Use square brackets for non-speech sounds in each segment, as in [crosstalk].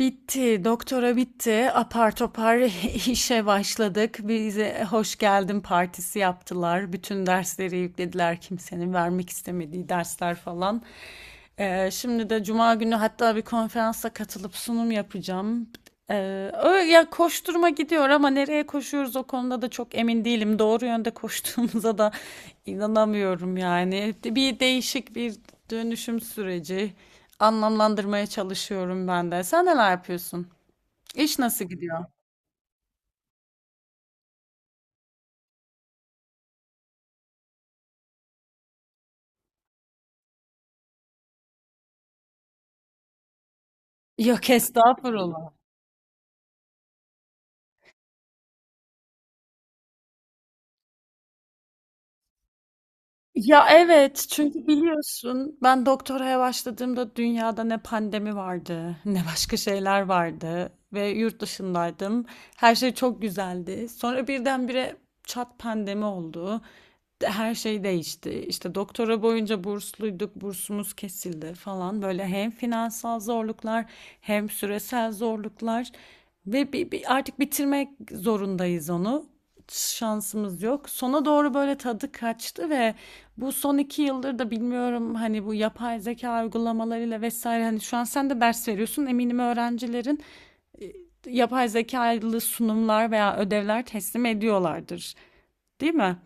Bitti, doktora bitti. Apar topar [laughs] işe başladık. Bize hoş geldin partisi yaptılar. Bütün dersleri yüklediler kimsenin vermek istemediği dersler falan. Şimdi de Cuma günü hatta bir konferansa katılıp sunum yapacağım. Öyle ya koşturma gidiyor ama nereye koşuyoruz o konuda da çok emin değilim. Doğru yönde [laughs] koştuğumuza da inanamıyorum yani. Bir değişik bir dönüşüm süreci. Anlamlandırmaya çalışıyorum ben de. Sen neler yapıyorsun? İş nasıl gidiyor? Yok estağfurullah. Ya, evet, çünkü biliyorsun ben doktoraya başladığımda dünyada ne pandemi vardı, [laughs] ne başka şeyler vardı ve yurt dışındaydım. Her şey çok güzeldi. Sonra birdenbire çat pandemi oldu. Her şey değişti. İşte doktora boyunca bursluyduk, bursumuz kesildi falan. Böyle hem finansal zorluklar hem süresel zorluklar ve artık bitirmek zorundayız onu, şansımız yok. Sona doğru böyle tadı kaçtı ve bu son iki yıldır da bilmiyorum, hani bu yapay zeka uygulamalarıyla vesaire, hani şu an sen de ders veriyorsun, eminim öğrencilerin yapay zekalı sunumlar veya ödevler teslim ediyorlardır. Değil mi?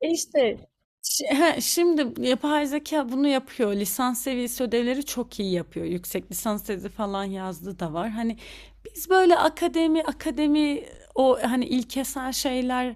İşte Şimdi yapay zeka bunu yapıyor. Lisans seviyesi ödevleri çok iyi yapıyor. Yüksek lisans tezi falan yazdığı da var. Hani biz böyle akademi akademi, o hani ilkesel şeyler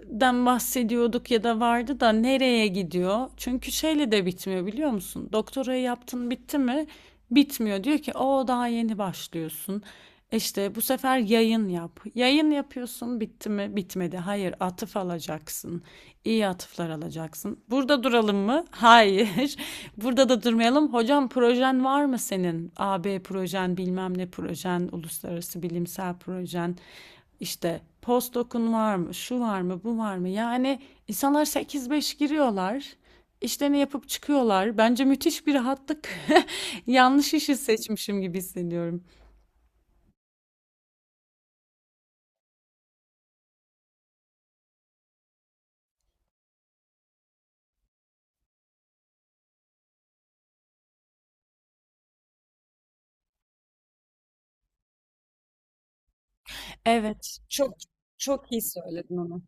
den bahsediyorduk ya, da vardı da nereye gidiyor? Çünkü şeyle de bitmiyor biliyor musun? Doktorayı yaptın, bitti mi? Bitmiyor. Diyor ki o, daha yeni başlıyorsun. İşte bu sefer yayın yap. Yayın yapıyorsun, bitti mi? Bitmedi. Hayır, atıf alacaksın. İyi atıflar alacaksın. Burada duralım mı? Hayır. [laughs] Burada da durmayalım. Hocam projen var mı senin? A b projen, bilmem ne projen, uluslararası bilimsel projen. İşte postdoc'un var mı, şu var mı, bu var mı? Yani insanlar 8-5 giriyorlar, işlerini yapıp çıkıyorlar. Bence müthiş bir rahatlık. [laughs] Yanlış işi seçmişim gibi hissediyorum. Evet, çok çok iyi söyledin onu.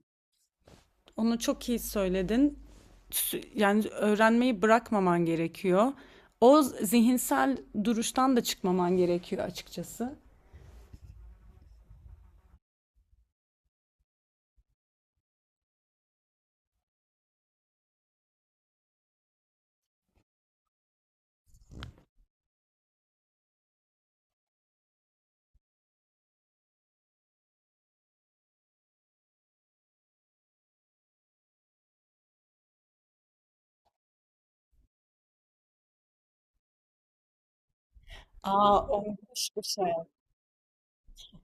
Onu çok iyi söyledin. Yani öğrenmeyi bırakmaman gerekiyor. O zihinsel duruştan da çıkmaman gerekiyor açıkçası. Aa, o müthiş bir şey.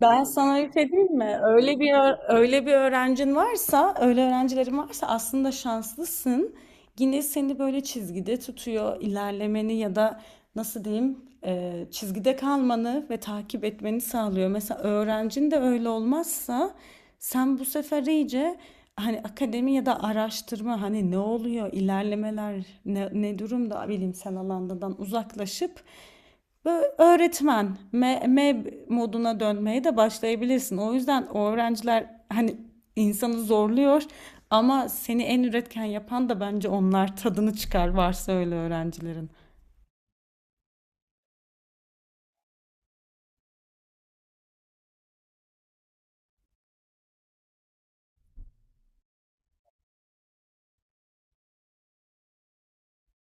Ben sana bir şey diyeyim mi? Öyle bir öğrencin varsa, öyle öğrencilerin varsa aslında şanslısın. Yine seni böyle çizgide tutuyor, ilerlemeni, ya da nasıl diyeyim, çizgide kalmanı ve takip etmeni sağlıyor. Mesela öğrencin de öyle olmazsa, sen bu sefer iyice hani akademi ya da araştırma, hani ne oluyor, ilerlemeler ne, ne durumda, bilimsel alandan uzaklaşıp böyle öğretmen me- meb moduna dönmeye de başlayabilirsin. O yüzden o öğrenciler hani insanı zorluyor ama seni en üretken yapan da bence onlar, tadını çıkar varsa öyle öğrencilerin.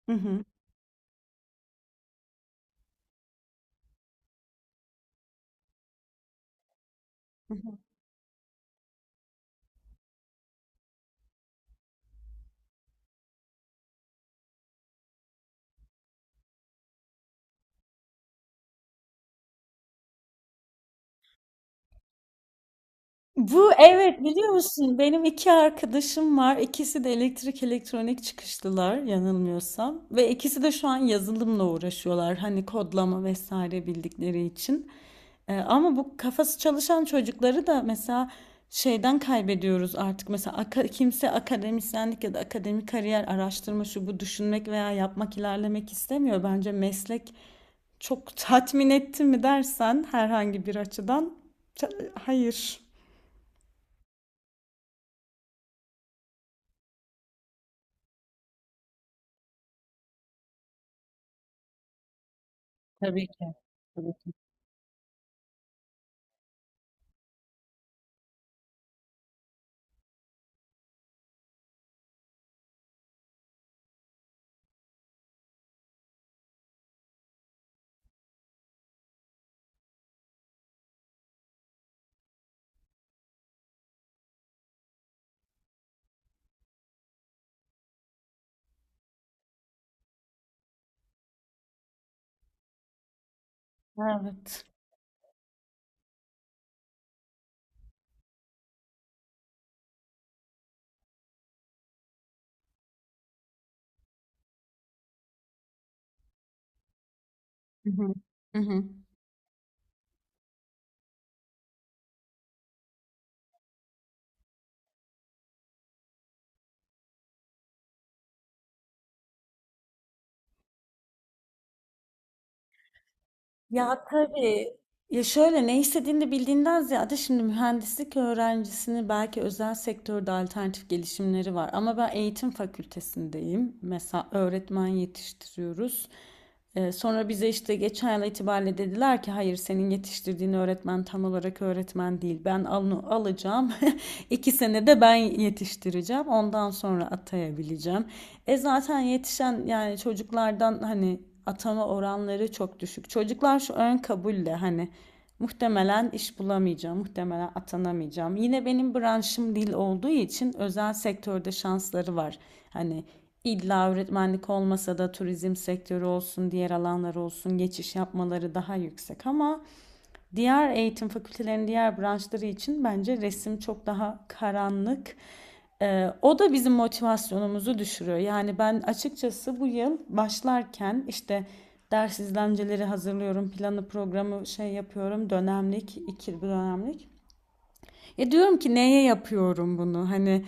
Hı hı. Bu evet, biliyor musun benim iki arkadaşım var. İkisi de elektrik elektronik çıkışlılar yanılmıyorsam. Ve ikisi de şu an yazılımla uğraşıyorlar. Hani kodlama vesaire bildikleri için. Ama bu kafası çalışan çocukları da mesela şeyden kaybediyoruz artık. Mesela kimse akademisyenlik ya da akademik kariyer, araştırma şu bu düşünmek veya yapmak, ilerlemek istemiyor. Bence meslek çok tatmin etti mi dersen herhangi bir açıdan, ta- hayır. Tabii ki. Tabii ki. Evet. Hı hı. Hı hı. Ya tabii. Ya şöyle, ne istediğini bildiğinden ziyade, şimdi mühendislik öğrencisini belki özel sektörde alternatif gelişimleri var. Ama ben eğitim fakültesindeyim. Mesela öğretmen yetiştiriyoruz. Sonra bize işte geçen yıl itibariyle dediler ki hayır, senin yetiştirdiğin öğretmen tam olarak öğretmen değil. Ben onu alacağım. [laughs] İki senede ben yetiştireceğim. Ondan sonra atayabileceğim. Zaten yetişen yani çocuklardan, hani atama oranları çok düşük. Çocuklar şu ön kabulle hani, muhtemelen iş bulamayacağım, muhtemelen atanamayacağım. Yine benim branşım dil olduğu için özel sektörde şansları var. Hani İlla öğretmenlik olmasa da, turizm sektörü olsun, diğer alanlar olsun, geçiş yapmaları daha yüksek ama diğer eğitim fakültelerinin diğer branşları için bence resim çok daha karanlık. O da bizim motivasyonumuzu düşürüyor. Yani ben açıkçası bu yıl başlarken işte ders izlenceleri hazırlıyorum, planı programı şey yapıyorum, dönemlik, iki dönemlik. Ya diyorum ki neye yapıyorum bunu? Hani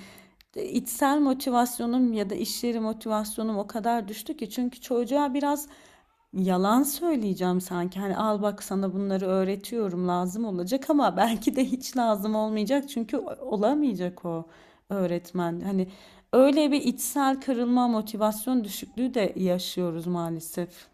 içsel motivasyonum ya da iş yeri motivasyonum o kadar düştü ki, çünkü çocuğa biraz yalan söyleyeceğim sanki. Hani al bak sana bunları öğretiyorum, lazım olacak ama [laughs] belki de hiç lazım olmayacak, çünkü olamayacak o öğretmen. Hani öyle bir içsel kırılma, motivasyon düşüklüğü de yaşıyoruz maalesef.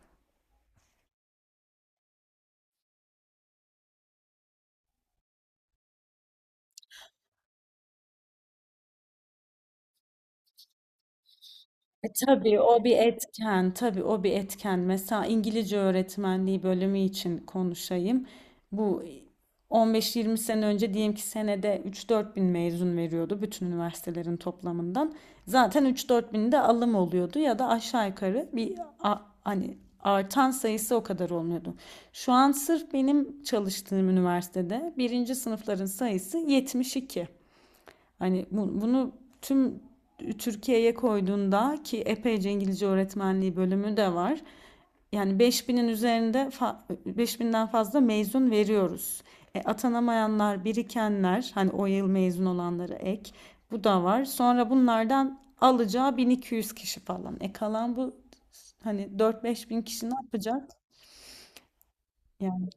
Tabii o bir etken, tabii o bir etken. Mesela İngilizce öğretmenliği bölümü için konuşayım. Bu 15-20 sene önce diyelim ki senede 3-4 bin mezun veriyordu bütün üniversitelerin toplamından. Zaten 3-4 bin de alım oluyordu ya da aşağı yukarı, bir hani artan sayısı o kadar olmuyordu. Şu an sırf benim çalıştığım üniversitede birinci sınıfların sayısı 72. Hani bunu tüm Türkiye'ye koyduğunda, ki epeyce İngilizce öğretmenliği bölümü de var, yani 5000'in üzerinde 5000'den fazla mezun veriyoruz. Atanamayanlar, birikenler, hani o yıl mezun olanlara ek, bu da var. Sonra bunlardan alacağı 1200 kişi falan. Kalan bu hani 4-5 bin kişi ne yapacak? Yani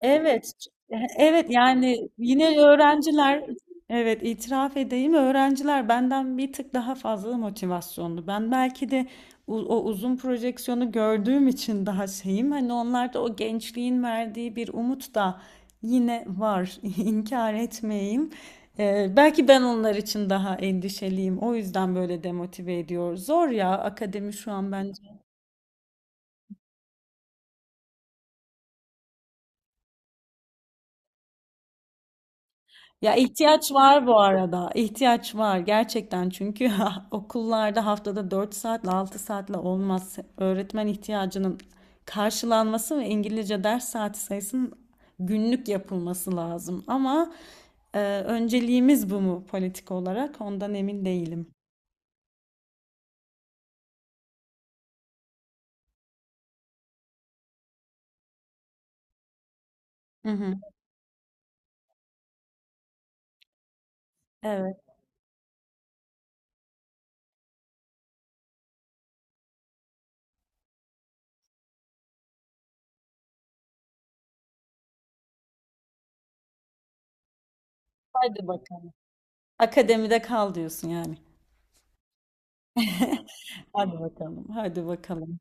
evet, evet yani yine öğrenciler, evet itiraf edeyim, öğrenciler benden bir tık daha fazla motivasyonlu. Ben belki de o uzun projeksiyonu gördüğüm için daha şeyim. Hani onlarda o gençliğin verdiği bir umut da yine var. [laughs] İnkar etmeyeyim. Belki ben onlar için daha endişeliyim. O yüzden böyle demotive ediyor. Zor ya akademi şu an. Ya ihtiyaç var bu arada. İhtiyaç var gerçekten, çünkü [laughs] okullarda haftada 4 saatle 6 saatle olmaz. Öğretmen ihtiyacının karşılanması ve İngilizce ders saati sayısının günlük yapılması lazım. Ama önceliğimiz bu mu politik olarak ondan emin değilim. Hı hı. Evet. Hadi bakalım. Akademide kal diyorsun yani. Hadi bakalım. Hadi bakalım.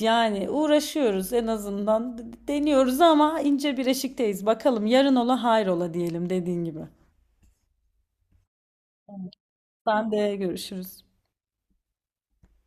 Yani uğraşıyoruz en azından, deniyoruz ama ince bir eşikteyiz. Bakalım yarın ola hayrola diyelim, dediğin gibi. Sen de görüşürüz.